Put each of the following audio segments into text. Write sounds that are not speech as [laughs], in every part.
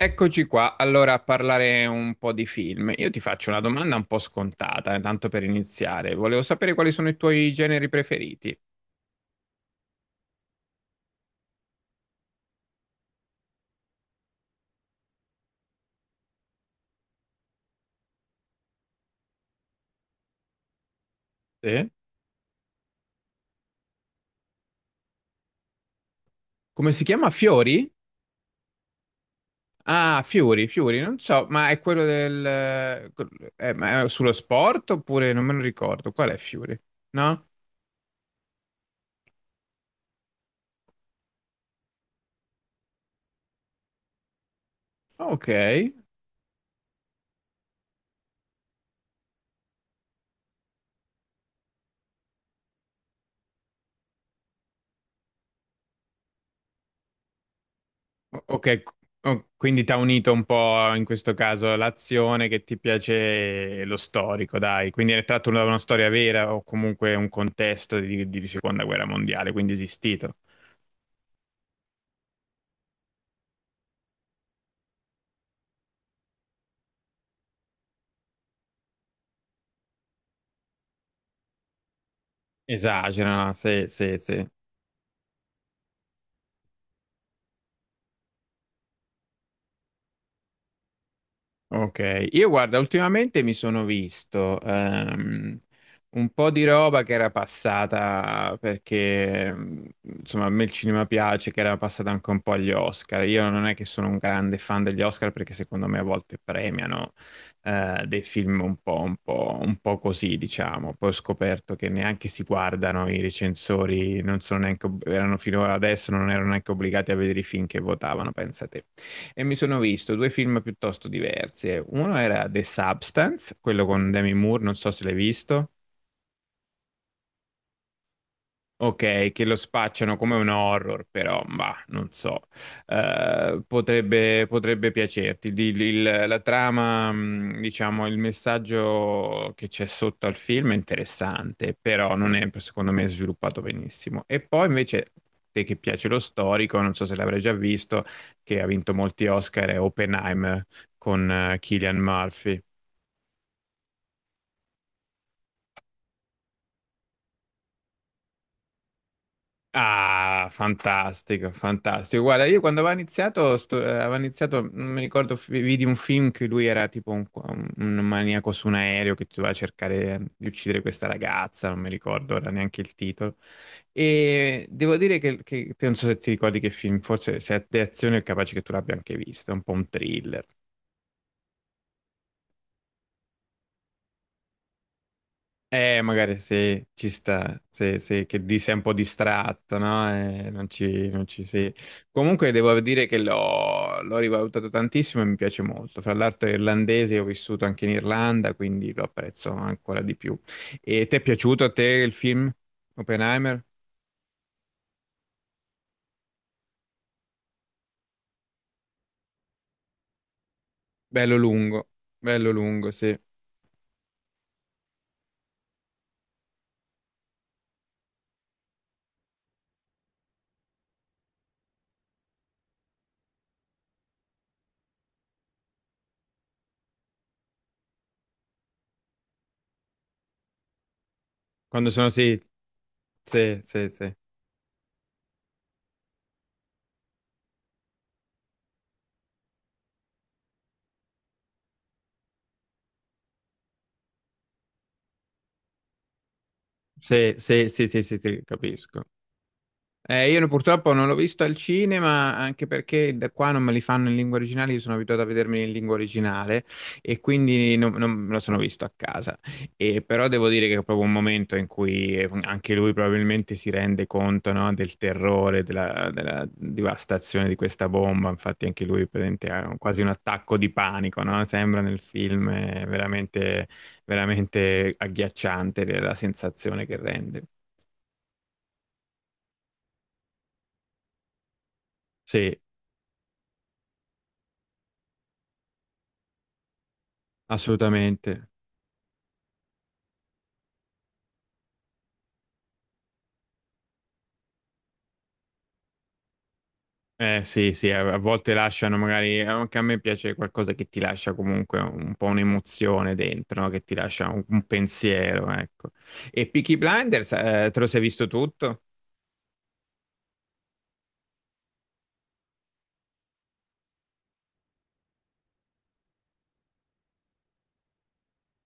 Eccoci qua, allora a parlare un po' di film. Io ti faccio una domanda un po' scontata, tanto per iniziare. Volevo sapere quali sono i tuoi generi preferiti. Sì. Come si chiama? Fiori? Ah, Fiori, Fiori, non so, ma è quello del... ma è sullo sport oppure non me lo ricordo. Qual è Fiori? No? Ok. Ok, oh, quindi ti ha unito un po' in questo caso l'azione che ti piace e lo storico, dai. Quindi è tratto da una storia vera o comunque un contesto di seconda guerra mondiale, quindi esistito. Esagera, sì, sì, sì. Ok, io guarda, ultimamente mi sono visto un po' di roba che era passata perché insomma a me il cinema piace, che era passata anche un po' agli Oscar. Io non è che sono un grande fan degli Oscar perché secondo me a volte premiano dei film un po', un po', un po' così, diciamo. Poi ho scoperto che neanche si guardano i recensori, non sono neanche, erano fino ad adesso non erano neanche obbligati a vedere i film che votavano, pensate e mi sono visto due film piuttosto diversi. Uno era The Substance, quello con Demi Moore, non so se l'hai visto. Ok, che lo spacciano come un horror, però, ma non so, eh, potrebbe, potrebbe piacerti. La trama, diciamo, il messaggio che c'è sotto al film è interessante, però non è, secondo me, sviluppato benissimo. E poi invece, te che piace lo storico, non so se l'avrai già visto, che ha vinto molti Oscar, è Oppenheimer con Cillian Murphy. Ah, fantastico, fantastico. Guarda, io quando aveva iniziato, aveva iniziato, non mi ricordo, vidi un film che lui era tipo un maniaco su un aereo che doveva cercare di uccidere questa ragazza, non mi ricordo ora neanche il titolo. E devo dire che, che non so se ti ricordi che film, forse se è di azione è capace che tu l'abbia anche visto, è un po' un thriller. Magari sì, ci sta, sì, sì, che di sei un po' distratto, no? Non ci sei. Comunque devo dire che l'ho rivalutato tantissimo e mi piace molto. Fra l'altro è irlandese, ho vissuto anche in Irlanda, quindi lo apprezzo ancora di più. E ti è piaciuto a te il film Oppenheimer? Bello lungo, bello lungo, sì. Quando sono sì, sì, sì, sì, sì, sì, sì, sì, sì, sì, capisco. Io purtroppo non l'ho visto al cinema, anche perché da qua non me li fanno in lingua originale, io sono abituato a vedermi in lingua originale e quindi non, non me lo sono visto a casa. E però devo dire che è proprio un momento in cui anche lui probabilmente si rende conto, no, del terrore, della devastazione di questa bomba. Infatti anche lui praticamente, ha quasi un attacco di panico, no? Sembra nel film, è veramente, veramente agghiacciante la sensazione che rende. Sì, assolutamente. Eh sì, sì, a volte lasciano magari, anche a me piace qualcosa che ti lascia comunque un po' un'emozione dentro, no? Che ti lascia un pensiero, ecco. E Peaky Blinders, te lo sei visto tutto?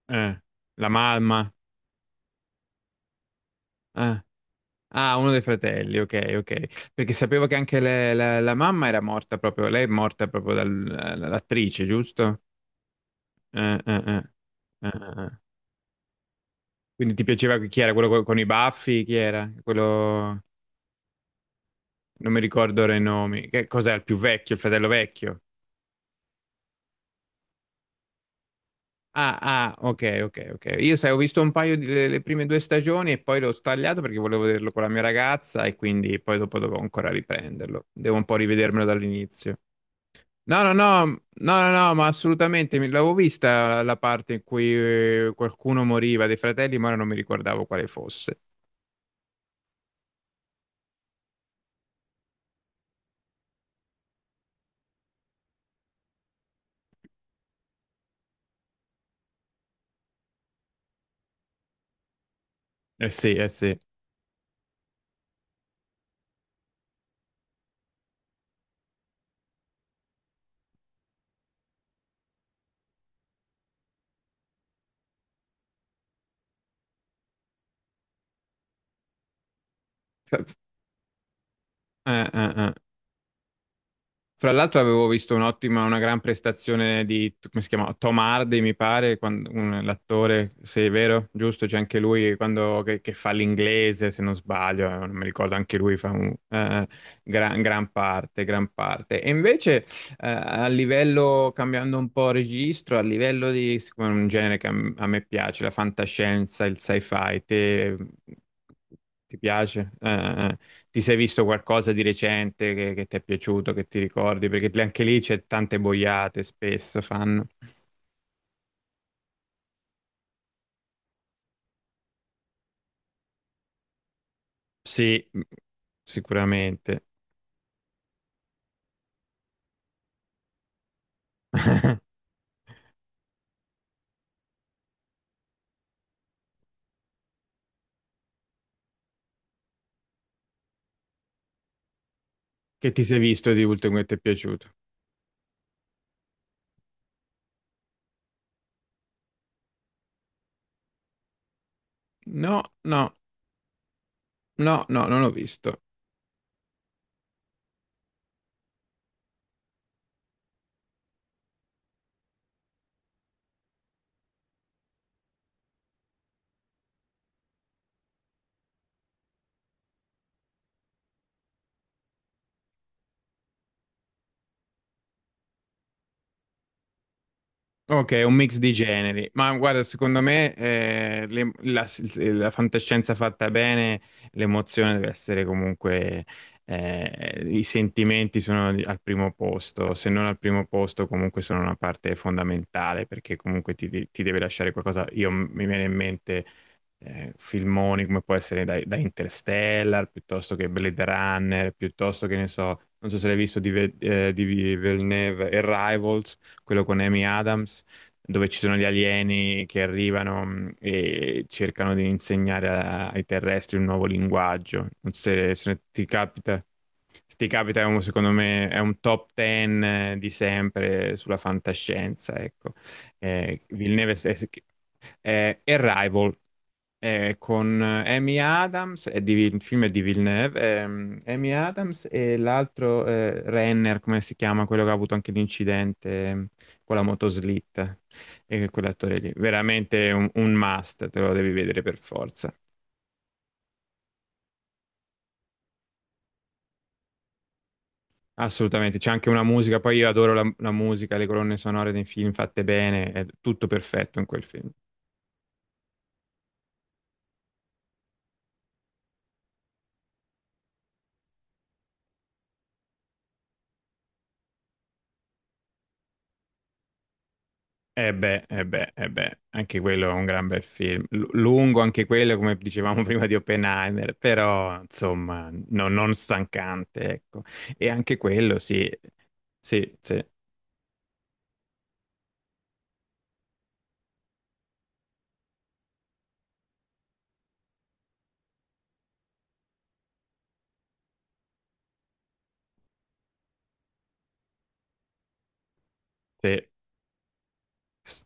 Eh, la mamma? Eh. Ah, uno dei fratelli, ok, ok. Perché sapevo che anche la mamma era morta proprio, lei è morta proprio dall'attrice, giusto? Eh. Eh. Quindi ti piaceva chi era quello con, i baffi? Chi era? Quello... Non mi ricordo ora i nomi. Che cos'è il più vecchio, il fratello vecchio? Ah, ah, ok, ok, ok. Io sai, ho visto un paio di le prime due stagioni e poi l'ho stagliato perché volevo vederlo con la mia ragazza e quindi poi dopo dovevo ancora riprenderlo. Devo un po' rivedermelo dall'inizio. No, no, no, no, no, no, ma assolutamente, mi l'avevo vista la parte in cui qualcuno moriva dei fratelli, ma ora non mi ricordavo quale fosse. Eh sì, eh sì. Fa- eh, fra l'altro avevo visto un'ottima, una gran prestazione di, come si chiama? Tom Hardy, mi pare, l'attore, se è vero, giusto, c'è anche lui che fa l'inglese, se non sbaglio, non mi ricordo, anche lui fa un, gran, gran parte, gran parte. E invece, a livello, cambiando un po' registro, a livello di, siccome è un genere che a me piace, la fantascienza, il sci-fi, ti piace? Ti sei visto qualcosa di recente che ti è piaciuto, che ti ricordi? Perché anche lì c'è tante boiate, spesso fanno. Sì, sicuramente. [laughs] Che ti sei visto di ultimo che ti è piaciuto? No, no, no, no, non l'ho visto. Ok, un mix di generi, ma guarda, secondo me la fantascienza fatta bene, l'emozione deve essere comunque, i sentimenti sono al primo posto, se non al primo posto comunque sono una parte fondamentale perché comunque ti, ti deve lasciare qualcosa. Io mi viene in mente filmoni come può essere da Interstellar, piuttosto che Blade Runner, piuttosto che ne so, non so se l'hai visto di Villeneuve, Arrival quello con Amy Adams, dove ci sono gli alieni che arrivano e cercano di insegnare ai terrestri un nuovo linguaggio. Non so se, se ti capita. Se ti capita, è un- secondo me è un top 10 di sempre sulla fantascienza, ecco. Villeneuve è Arrival, con Amy Adams, il film è di Villeneuve, Amy Adams e l'altro Renner, come si chiama, quello che ha avuto anche l'incidente con la motoslitta, e quell'attore lì, veramente un must, te lo devi vedere per forza. Assolutamente, c'è anche una musica, poi io adoro la musica, le colonne sonore dei film fatte bene, è tutto perfetto in quel film. Eh beh, eh beh, eh beh, anche quello è un gran bel film. L- lungo anche quello, come dicevamo [laughs] prima di Oppenheimer, però insomma, non stancante, ecco. E anche quello, sì, sì, sì, sì.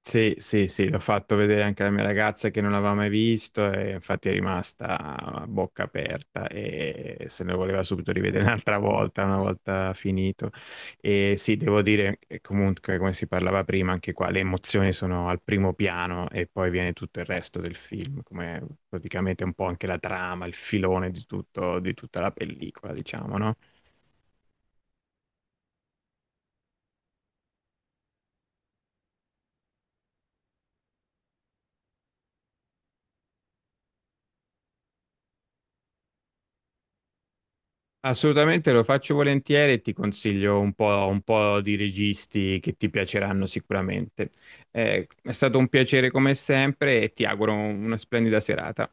Sì, sì, sì, l'ho fatto vedere anche alla mia ragazza che non l'aveva mai visto e infatti è rimasta a bocca aperta e se ne voleva subito rivedere [laughs] un'altra volta, una volta finito. E sì, devo dire comunque, come si parlava prima, anche qua le emozioni sono al primo piano e poi viene tutto il resto del film, come praticamente un po' anche la trama, il filone di tutto, di tutta la pellicola, diciamo, no? Assolutamente lo faccio volentieri e ti consiglio un po' di registi che ti piaceranno sicuramente. È stato un piacere come sempre e ti auguro una splendida serata.